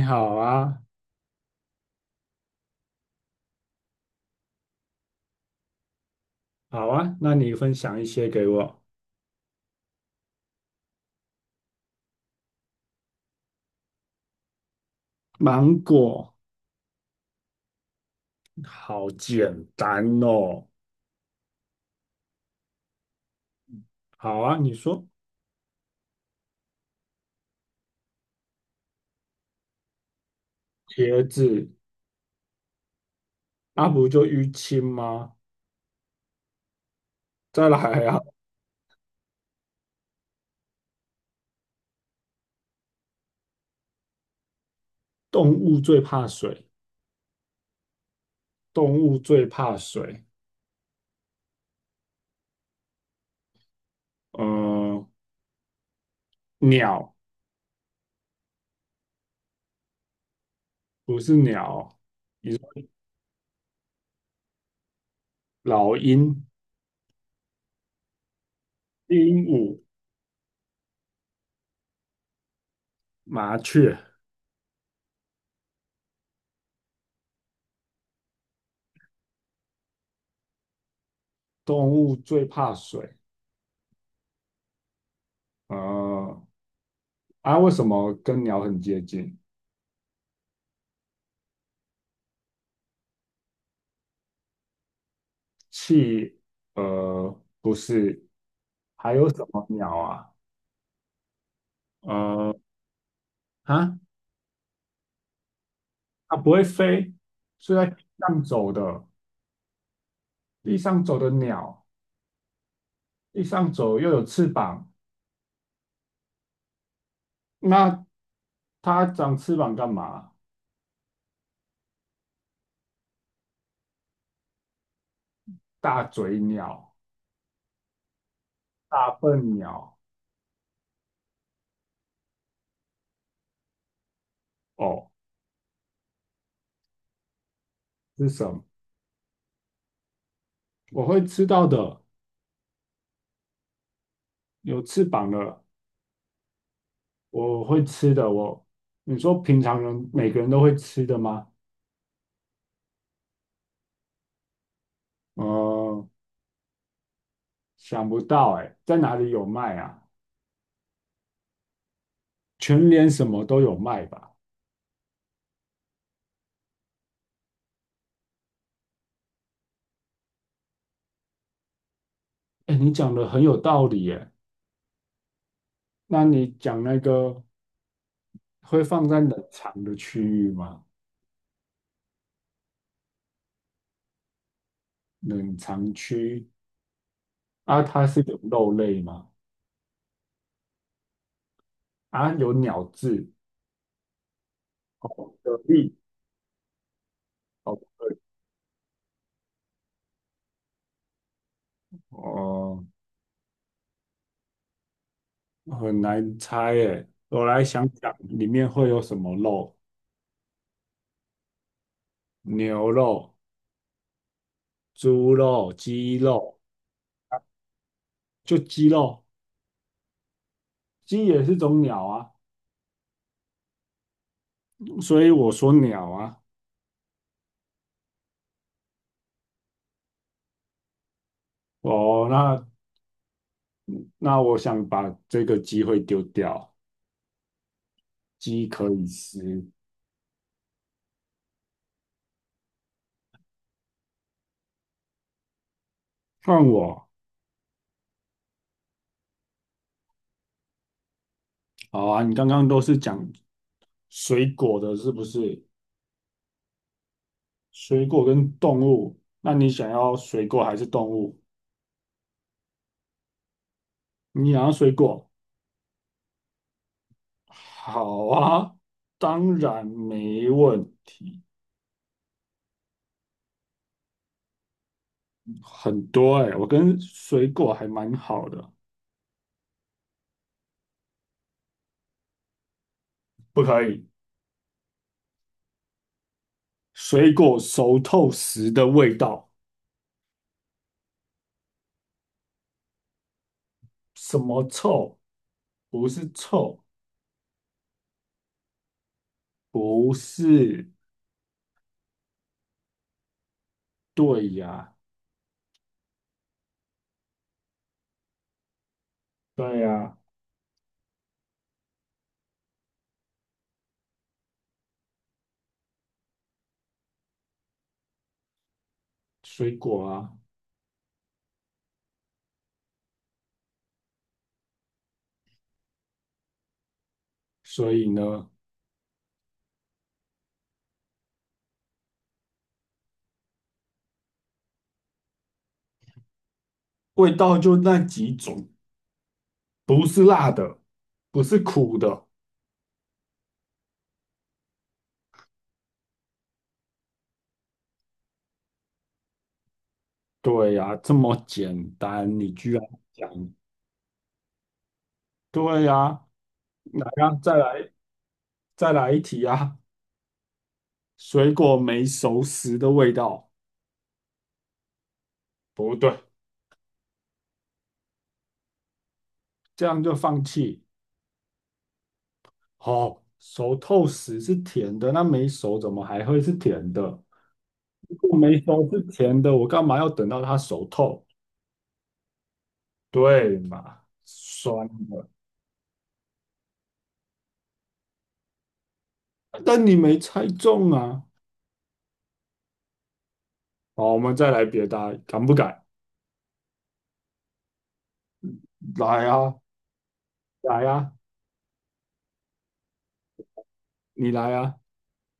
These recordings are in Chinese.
你好啊，好啊，那你分享一些给我。芒果，好简单哦。好啊，你说茄子，啊不就淤青吗？再来啊，动物最怕水，动物最怕水。嗯，鸟不是鸟，老鹰、鹦鹉、麻雀，动物最怕水。呃，啊，为什么跟鸟很接近？企鹅不是，还有什么鸟啊？呃，啊，它不会飞，是在地上走的，地上走的鸟，地上走又有翅膀，那它长翅膀干嘛？大嘴鸟、大笨鸟，哦，是什么？我会吃到的，有翅膀的，我会吃的。我，你说平常人每个人都会吃的吗？呃，想不到哎、在哪里有卖啊？全联什么都有卖吧？哎，你讲的很有道理耶。那你讲那个会放在冷藏的区域吗？冷藏区啊，它是有肉类吗？啊，有鸟字，哦，蛤蜊，哦，哦，很难猜耶。我来想想，里面会有什么肉？牛肉、猪肉、鸡肉，就鸡肉，鸡也是种鸟啊，所以我说鸟啊。哦，那我想把这个机会丢掉，鸡可以吃。换我，好啊，你刚刚都是讲水果的，是不是？水果跟动物，那你想要水果还是动物？你想要水果？好啊，当然没问题。很多哎、我跟水果还蛮好的。不可以，水果熟透时的味道，什么臭？不是臭，不是，对呀、对呀，水果啊，所以呢，味道就那几种，不是辣的，不是苦的。对呀，这么简单，你居然讲？对呀，来呀，再来，再来一题啊！水果没熟时的味道，不对，这样就放弃。哦，熟透时是甜的，那没熟怎么还会是甜的？如果没熟是甜的，我干嘛要等到它熟透？对嘛，酸的。但你没猜中啊！好，我们再来别的啊，敢不敢？来啊，来啊，你来啊，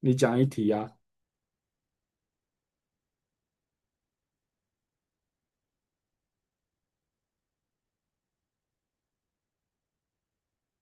你讲一题啊。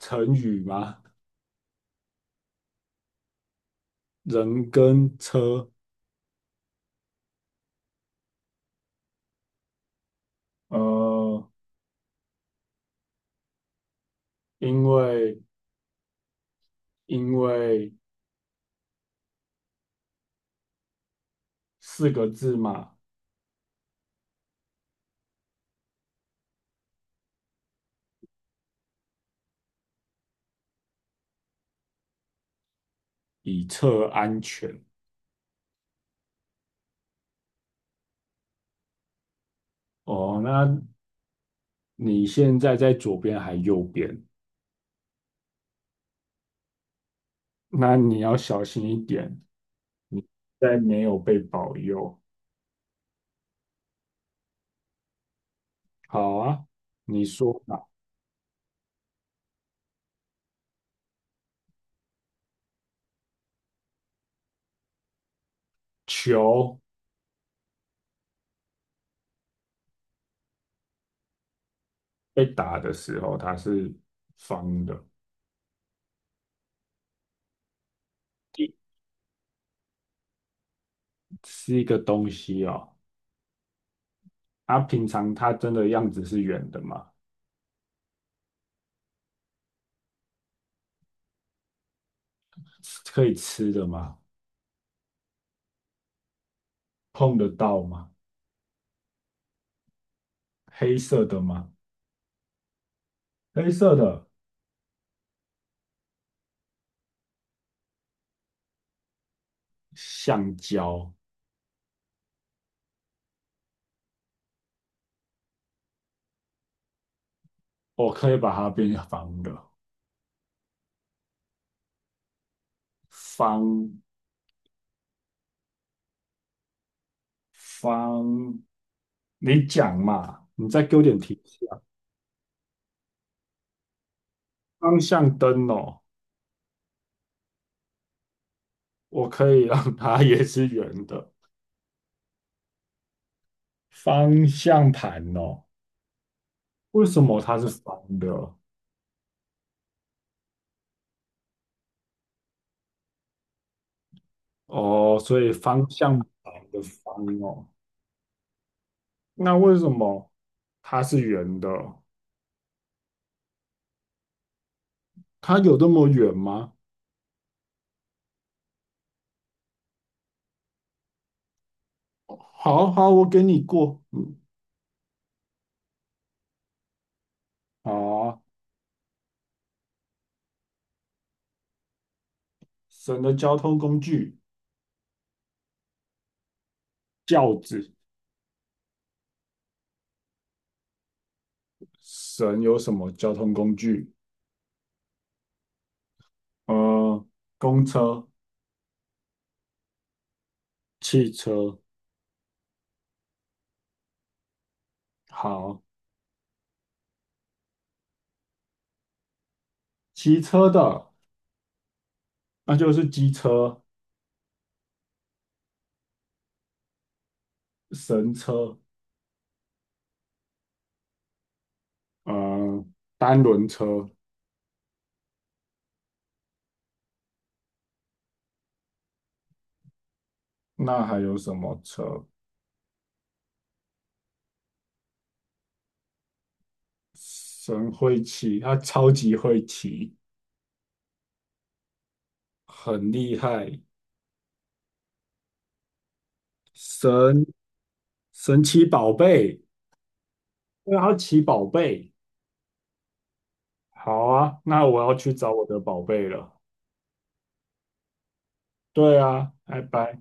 成语吗？人跟车，呃，因为因为四个字嘛，以策安全。哦，那你现在在左边还右边？那你要小心一点，在没有被保佑。好啊，你说吧。球。被打的时候它是方的，一是一个东西哦。它平常它真的样子是圆的吗？可以吃的吗？碰得到吗？黑色的吗？黑色的橡胶，我可以把它变成方的。方方，你讲嘛，你再给我点提示啊。方向灯哦，我可以让它也是圆的。方向盘哦，为什么它是方的？哦，所以方向盘的方哦，那为什么它是圆的？它有那么圆吗？好好，我给你过。好啊，神的交通工具，轿子。神有什么交通工具？呃，公车、汽车。好，骑车的，那就是机车、神车。呃，单轮车。那还有什么车？神会骑，他超级会骑。很厉害，神神奇宝贝，对啊，奇宝贝，好啊，那我要去找我的宝贝了。对啊，拜拜。